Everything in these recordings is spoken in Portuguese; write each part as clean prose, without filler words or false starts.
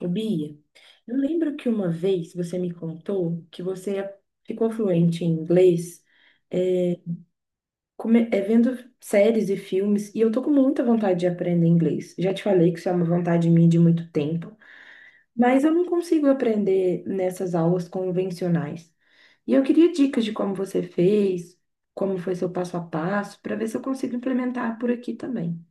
Ô, Bia, eu lembro que uma vez você me contou que você ficou fluente em inglês, é, vendo séries e filmes, e eu tô com muita vontade de aprender inglês. Já te falei que isso é uma vontade minha de muito tempo, mas eu não consigo aprender nessas aulas convencionais. E eu queria dicas de como você fez, como foi seu passo a passo, para ver se eu consigo implementar por aqui também.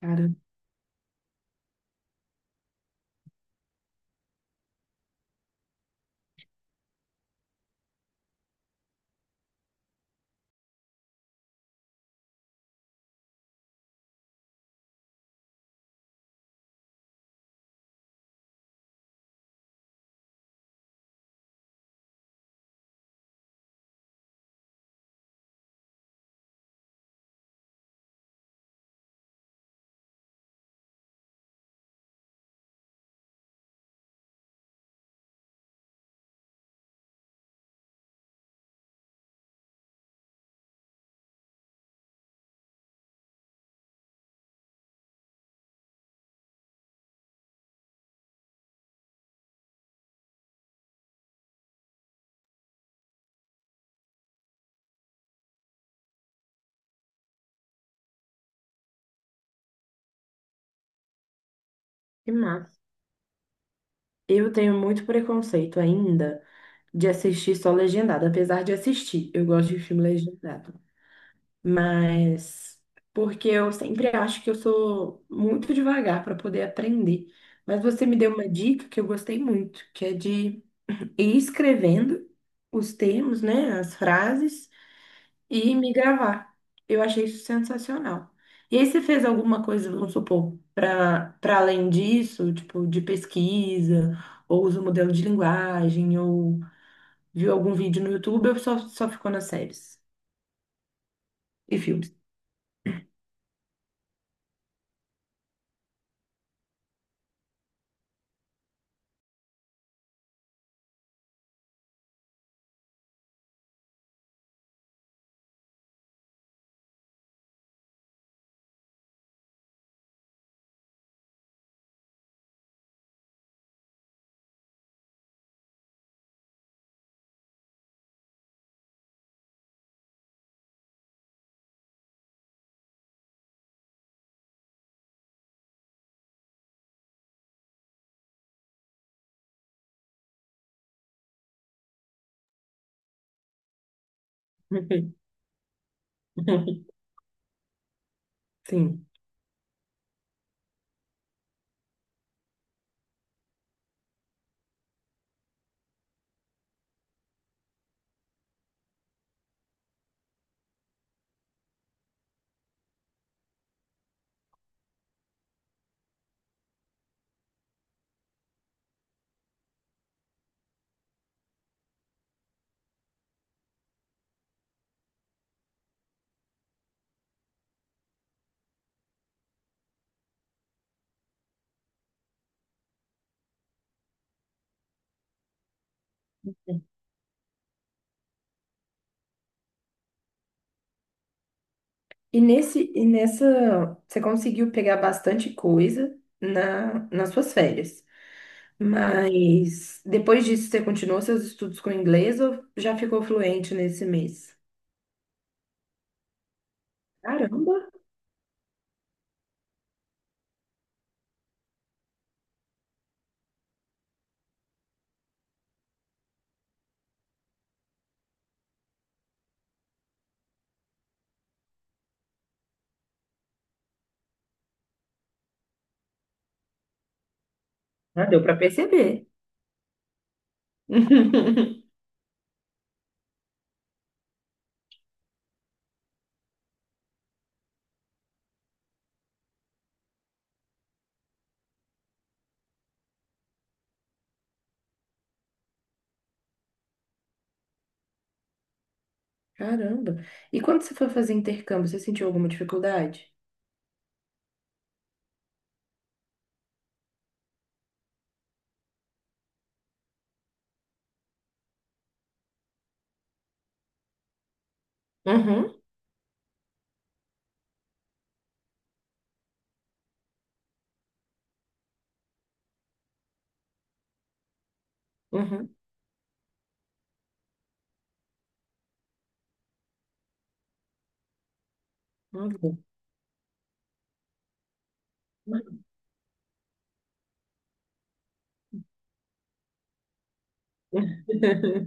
Cara, que massa. Eu tenho muito preconceito ainda de assistir só legendado, apesar de assistir, eu gosto de filme legendado. Mas porque eu sempre acho que eu sou muito devagar para poder aprender. Mas você me deu uma dica que eu gostei muito, que é de ir escrevendo os termos, né, as frases e me gravar. Eu achei isso sensacional. E aí você fez alguma coisa, vamos supor, para além disso, tipo de pesquisa, ou usa o modelo de linguagem, ou viu algum vídeo no YouTube ou só ficou nas séries e filmes? Sim. E nessa, você conseguiu pegar bastante coisa nas suas férias. Mas depois disso, você continuou seus estudos com inglês ou já ficou fluente nesse mês? Caramba, já deu para perceber. Caramba! E quando você foi fazer intercâmbio, você sentiu alguma dificuldade? Uhum, uhum, uhum.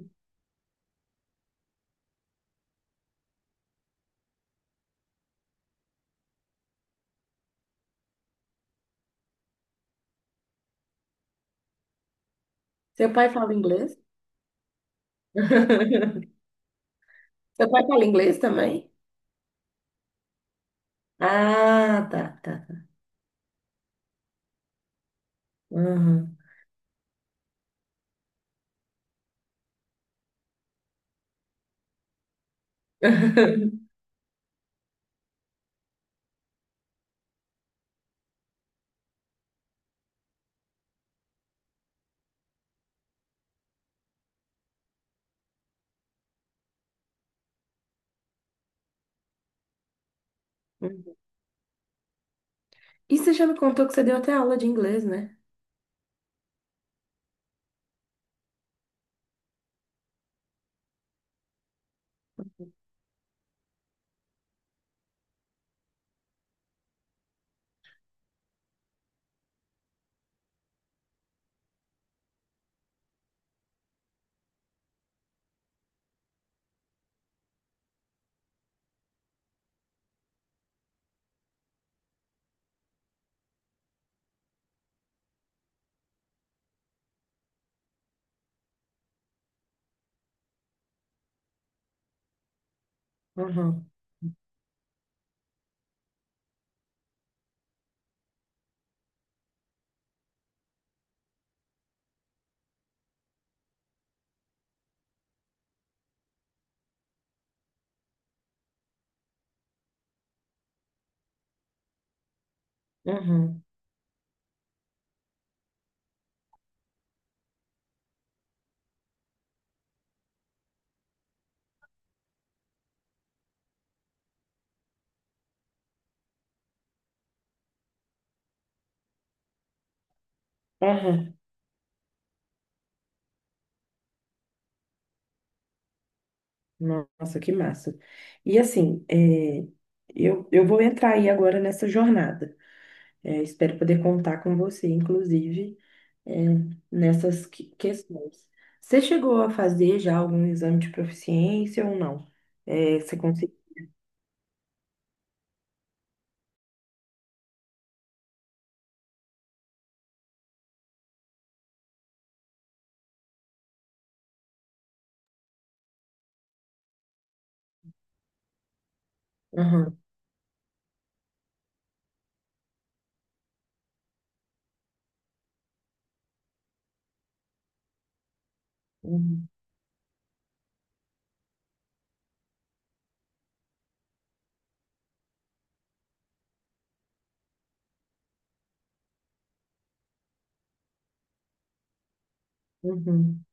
Seu pai fala inglês? Seu pai fala inglês também? Ah, tá, tá, tá. Uhum. Uhum. E você já me contou que você deu até aula de inglês, né? Uhum, uhum, uhum. Nossa, que massa. E assim, eu vou entrar aí agora nessa jornada. É, espero poder contar com você, inclusive, é, nessas que- questões. Você chegou a fazer já algum exame de proficiência ou não? É, você conseguiu? Uhum, uhum, uhum,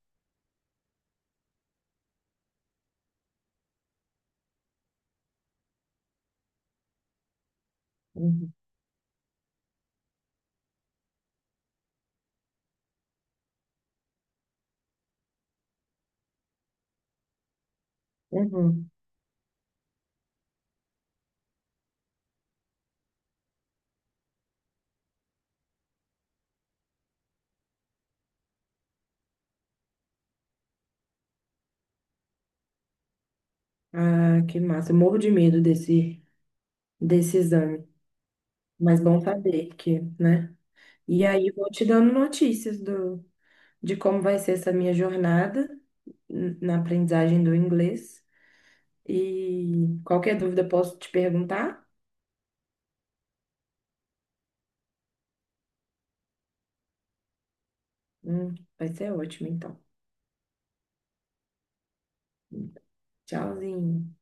uhum, uhum. Ah, que massa. Eu morro de medo desse exame. Mas bom saber que, né? E aí vou te dando notícias de como vai ser essa minha jornada na aprendizagem do inglês. E qualquer dúvida posso te perguntar? Vai ser ótimo, então. Tchauzinho.